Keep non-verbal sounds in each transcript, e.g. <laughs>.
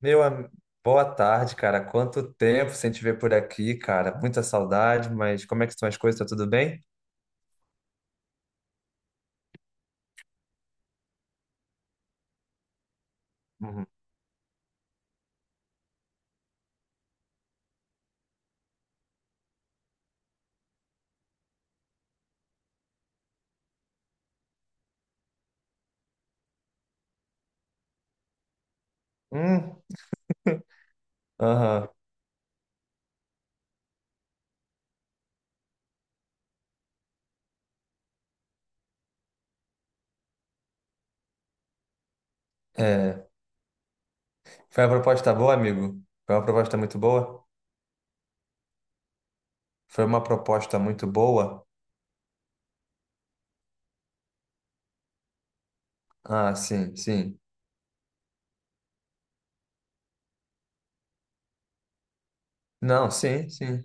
Meu, boa tarde, cara. Quanto tempo sem te ver por aqui, cara. Muita saudade, mas como é que estão as coisas? Tá tudo bem? Uhum. Hum, aham. É. Foi uma proposta boa, amigo? Foi uma proposta muito boa? Foi uma proposta muito boa? Ah, sim, sim. Não, sim, sim.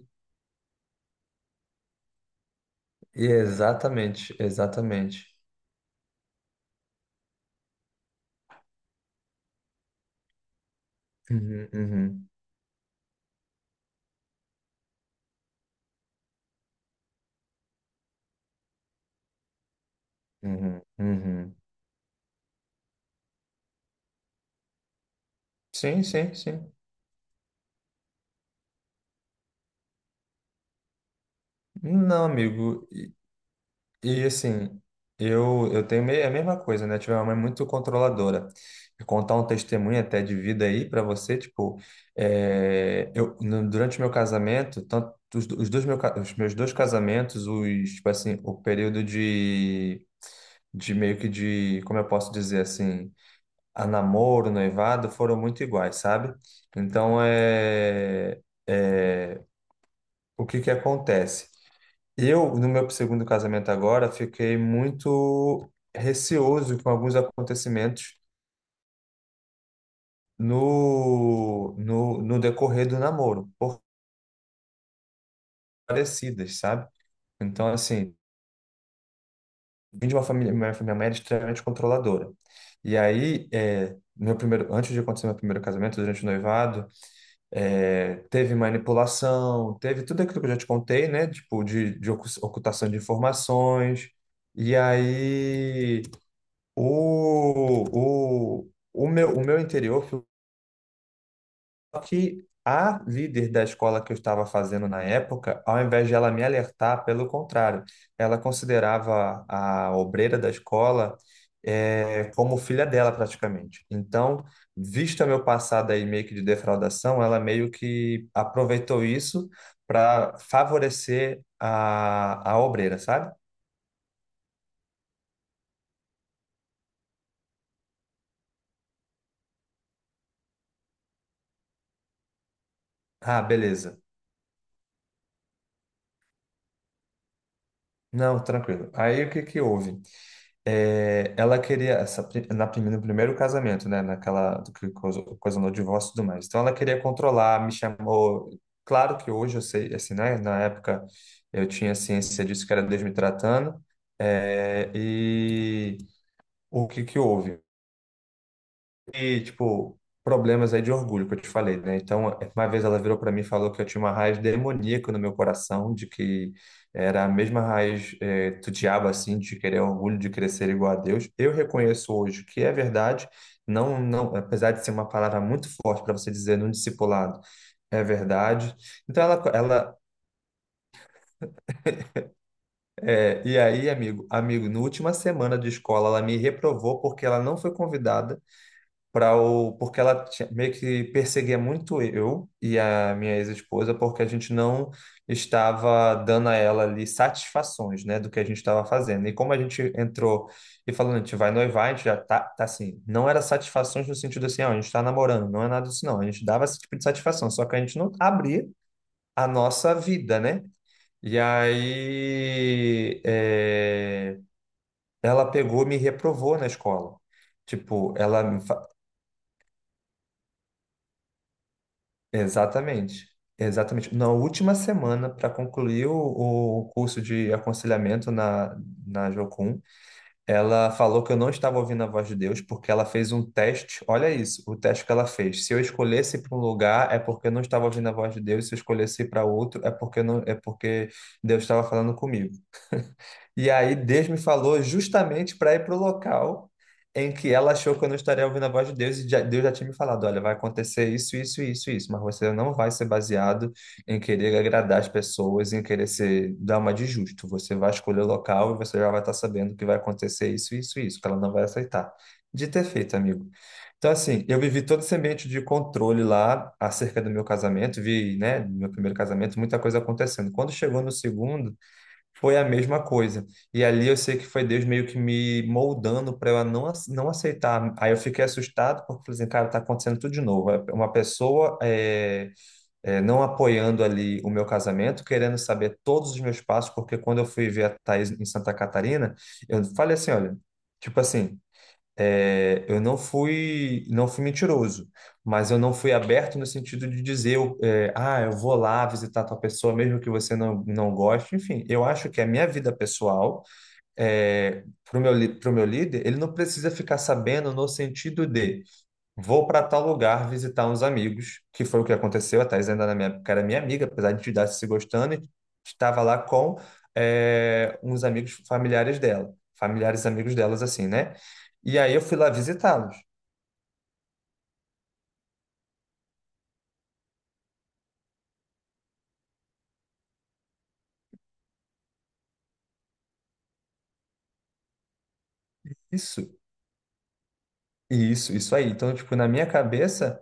E exatamente, exatamente. Uhum, uhum, uhum, uhum. Sim, sim, sim. Não, amigo. E assim, eu é a mesma coisa, né? Tive uma mãe é muito controladora. Vou contar um testemunho até de vida aí para você, tipo, é, eu, no- durante o meu casamento, tanto os dois os meus dois casamentos, os, tipo assim, o período de meio que de, como eu posso dizer assim, a namoro, noivado, foram muito iguais, sabe? Então, é, o que que acontece? Eu, no meu segundo casamento agora, fiquei muito receoso com alguns acontecimentos no decorrer do namoro, por parecidas, sabe? Então, assim, vim de uma família, minha mãe era extremamente controladora. E aí, é, meu primeiro, antes de acontecer meu primeiro casamento, durante o noivado, é, teve manipulação, teve tudo aquilo que eu já te contei, né? Tipo, de ocultação de informações. E aí. O meu interior foi que a líder da escola que eu estava fazendo na época, ao invés de ela me alertar, pelo contrário, ela considerava a obreira da escola como filha dela praticamente. Então, vista meu passado aí meio que de defraudação, ela meio que aproveitou isso para favorecer a obreira, sabe? Ah, beleza. Não, tranquilo. Aí o que que houve? É, ela queria, essa, pri- na, prime- no primeiro casamento, né? Naquela ocasionou o divórcio e tudo mais. Então ela queria controlar, me chamou. Claro que hoje eu sei, assim, né? Na época eu tinha ciência disso que era Deus me tratando. É, e o que que houve? E, tipo, problemas aí de orgulho que eu te falei, né? Então, uma vez ela virou para mim e falou que eu tinha uma raiz demoníaca no meu coração, de que era a mesma raiz do diabo, assim, de querer orgulho, de querer ser igual a Deus. Eu reconheço hoje que é verdade, não, não, apesar de ser uma palavra muito forte para você dizer num discipulado, é verdade. Então, e aí, amigo, amigo, na última semana de escola, ela me reprovou porque ela não foi convidada para o porque ela tinha- meio que perseguia muito eu e a minha ex-esposa porque a gente não estava dando a ela ali satisfações, né, do que a gente estava fazendo. E como a gente entrou e falando, a gente vai noivar, a gente já tá, tá assim, não era satisfações no sentido assim, ó, a gente está namorando, não é nada disso não. A gente dava esse tipo de satisfação, só que a gente não abria a nossa vida, né? E aí, é, ela pegou, e me reprovou na escola. Tipo, Exatamente, exatamente. Na última semana, para concluir o curso de aconselhamento na Jocum, ela falou que eu não estava ouvindo a voz de Deus porque ela fez um teste. Olha isso, o teste que ela fez. Se eu escolhesse para um lugar, é porque eu não estava ouvindo a voz de Deus. Se eu escolhesse para outro, é porque eu não, é porque Deus estava falando comigo. E aí Deus me falou justamente para ir para o local em que ela achou que eu não estaria ouvindo a voz de Deus e Deus já tinha me falado, olha, vai acontecer isso, isso, isso, isso, mas você não vai ser baseado em querer agradar as pessoas, em querer ser dar uma de justo. Você vai escolher o local e você já vai estar sabendo que vai acontecer isso, isso, isso, que ela não vai aceitar. De ter feito, amigo. Então, assim, eu vivi todo esse ambiente de controle lá acerca do meu casamento, vi, né, do meu primeiro casamento, muita coisa acontecendo. Quando chegou no segundo, foi a mesma coisa. E ali eu sei que foi Deus meio que me moldando para eu não, ace- não aceitar. Aí eu fiquei assustado porque falei assim, cara, tá acontecendo tudo de novo. É, uma pessoa não apoiando ali o meu casamento, querendo saber todos os meus passos, porque quando eu fui ver a Thaís em Santa Catarina, eu falei assim, olha, tipo assim. É, eu não fui, não fui mentiroso, mas eu não fui aberto no sentido de dizer, eu vou lá visitar tal pessoa, mesmo que você não goste. Enfim, eu acho que a minha vida pessoal, é, para o pro meu líder, ele não precisa ficar sabendo no sentido de. Vou para tal lugar visitar uns amigos, que foi o que aconteceu. A Thais ainda na minha época era minha amiga, apesar de a gente estar se gostando, e estava lá com uns amigos familiares dela, familiares amigos delas, assim, né? E aí eu fui lá visitá-los. Isso, isso aí. Então, tipo, na minha cabeça.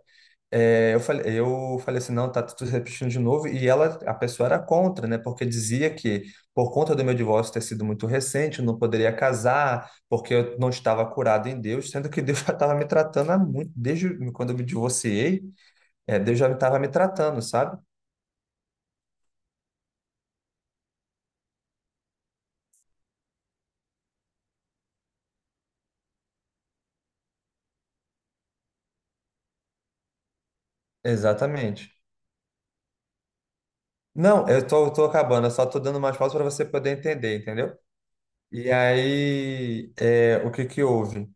É, eu falei assim, não, tá tudo repetindo de novo. E ela, a pessoa era contra, né? Porque dizia que, por conta do meu divórcio ter sido muito recente, eu não poderia casar, porque eu não estava curado em Deus, sendo que Deus <laughs> já estava me tratando há muito, desde quando eu me divorciei, é, Deus já estava me tratando, sabe? Exatamente. Não, eu tô acabando, eu só tô dando mais pausas para você poder entender, entendeu? E aí, é, o que que houve?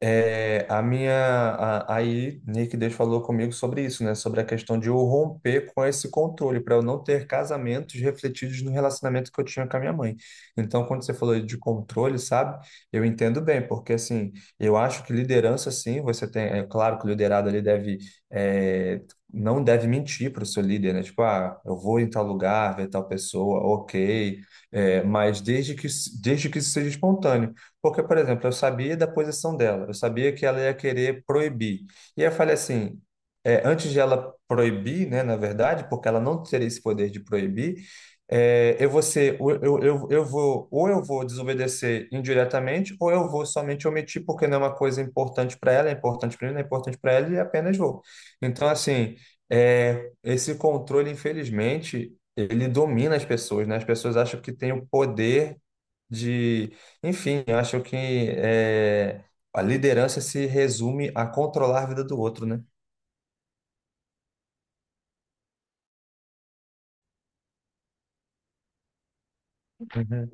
É, aí Nick Deus falou comigo sobre isso, né? Sobre a questão de eu romper com esse controle, para eu não ter casamentos refletidos no relacionamento que eu tinha com a minha mãe. Então, quando você falou de controle, sabe? Eu entendo bem, porque assim, eu acho que liderança, sim, você tem, é claro que o liderado ali deve, é, não deve mentir para o seu líder, né? Tipo, ah, eu vou em tal lugar, ver tal pessoa, ok. É, desde que isso seja espontâneo. Porque, por exemplo, eu sabia da posição dela, eu sabia que ela ia querer proibir. E aí eu falei assim, é, antes de ela proibir, né, na verdade, porque ela não teria esse poder de proibir, é, eu vou, ou eu vou desobedecer indiretamente, ou eu vou somente omitir porque não é uma coisa importante para ela, é importante para mim, não é importante para ela, e apenas vou. Então, assim, é, esse controle, infelizmente, ele domina as pessoas, né? As pessoas acham que tem o poder de, enfim, eu acho que é, a liderança se resume a controlar a vida do outro, né? Uhum,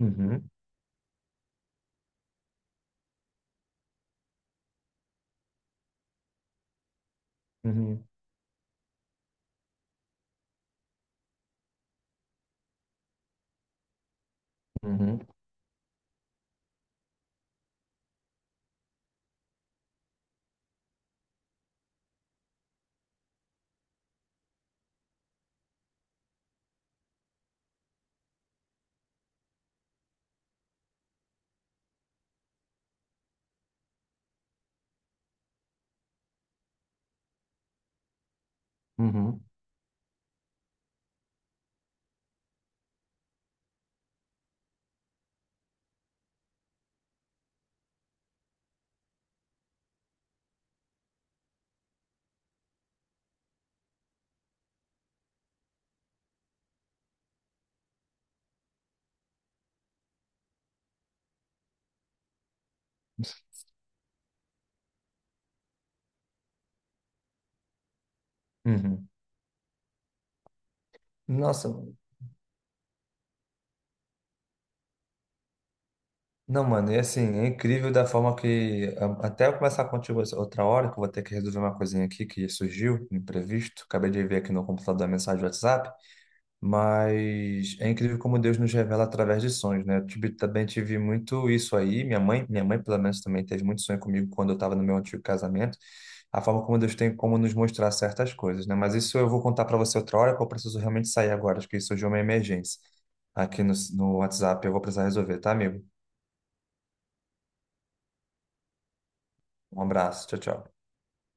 uhum, uhum, uhum, uhum. Uhum. Nossa, não, mano, e assim, é incrível da forma que, até eu começar contigo essa outra hora, que eu vou ter que resolver uma coisinha aqui que surgiu, imprevisto, acabei de ver aqui no computador a mensagem do WhatsApp. Mas é incrível como Deus nos revela através de sonhos, né? Também tive muito isso aí. Minha mãe pelo menos também teve muito sonho comigo quando eu estava no meu antigo casamento. A forma como Deus tem como nos mostrar certas coisas, né? Mas isso eu vou contar para você outra hora, porque eu preciso realmente sair agora. Acho que surgiu uma emergência aqui no WhatsApp. Eu vou precisar resolver, tá, amigo? Um abraço. Tchau, tchau.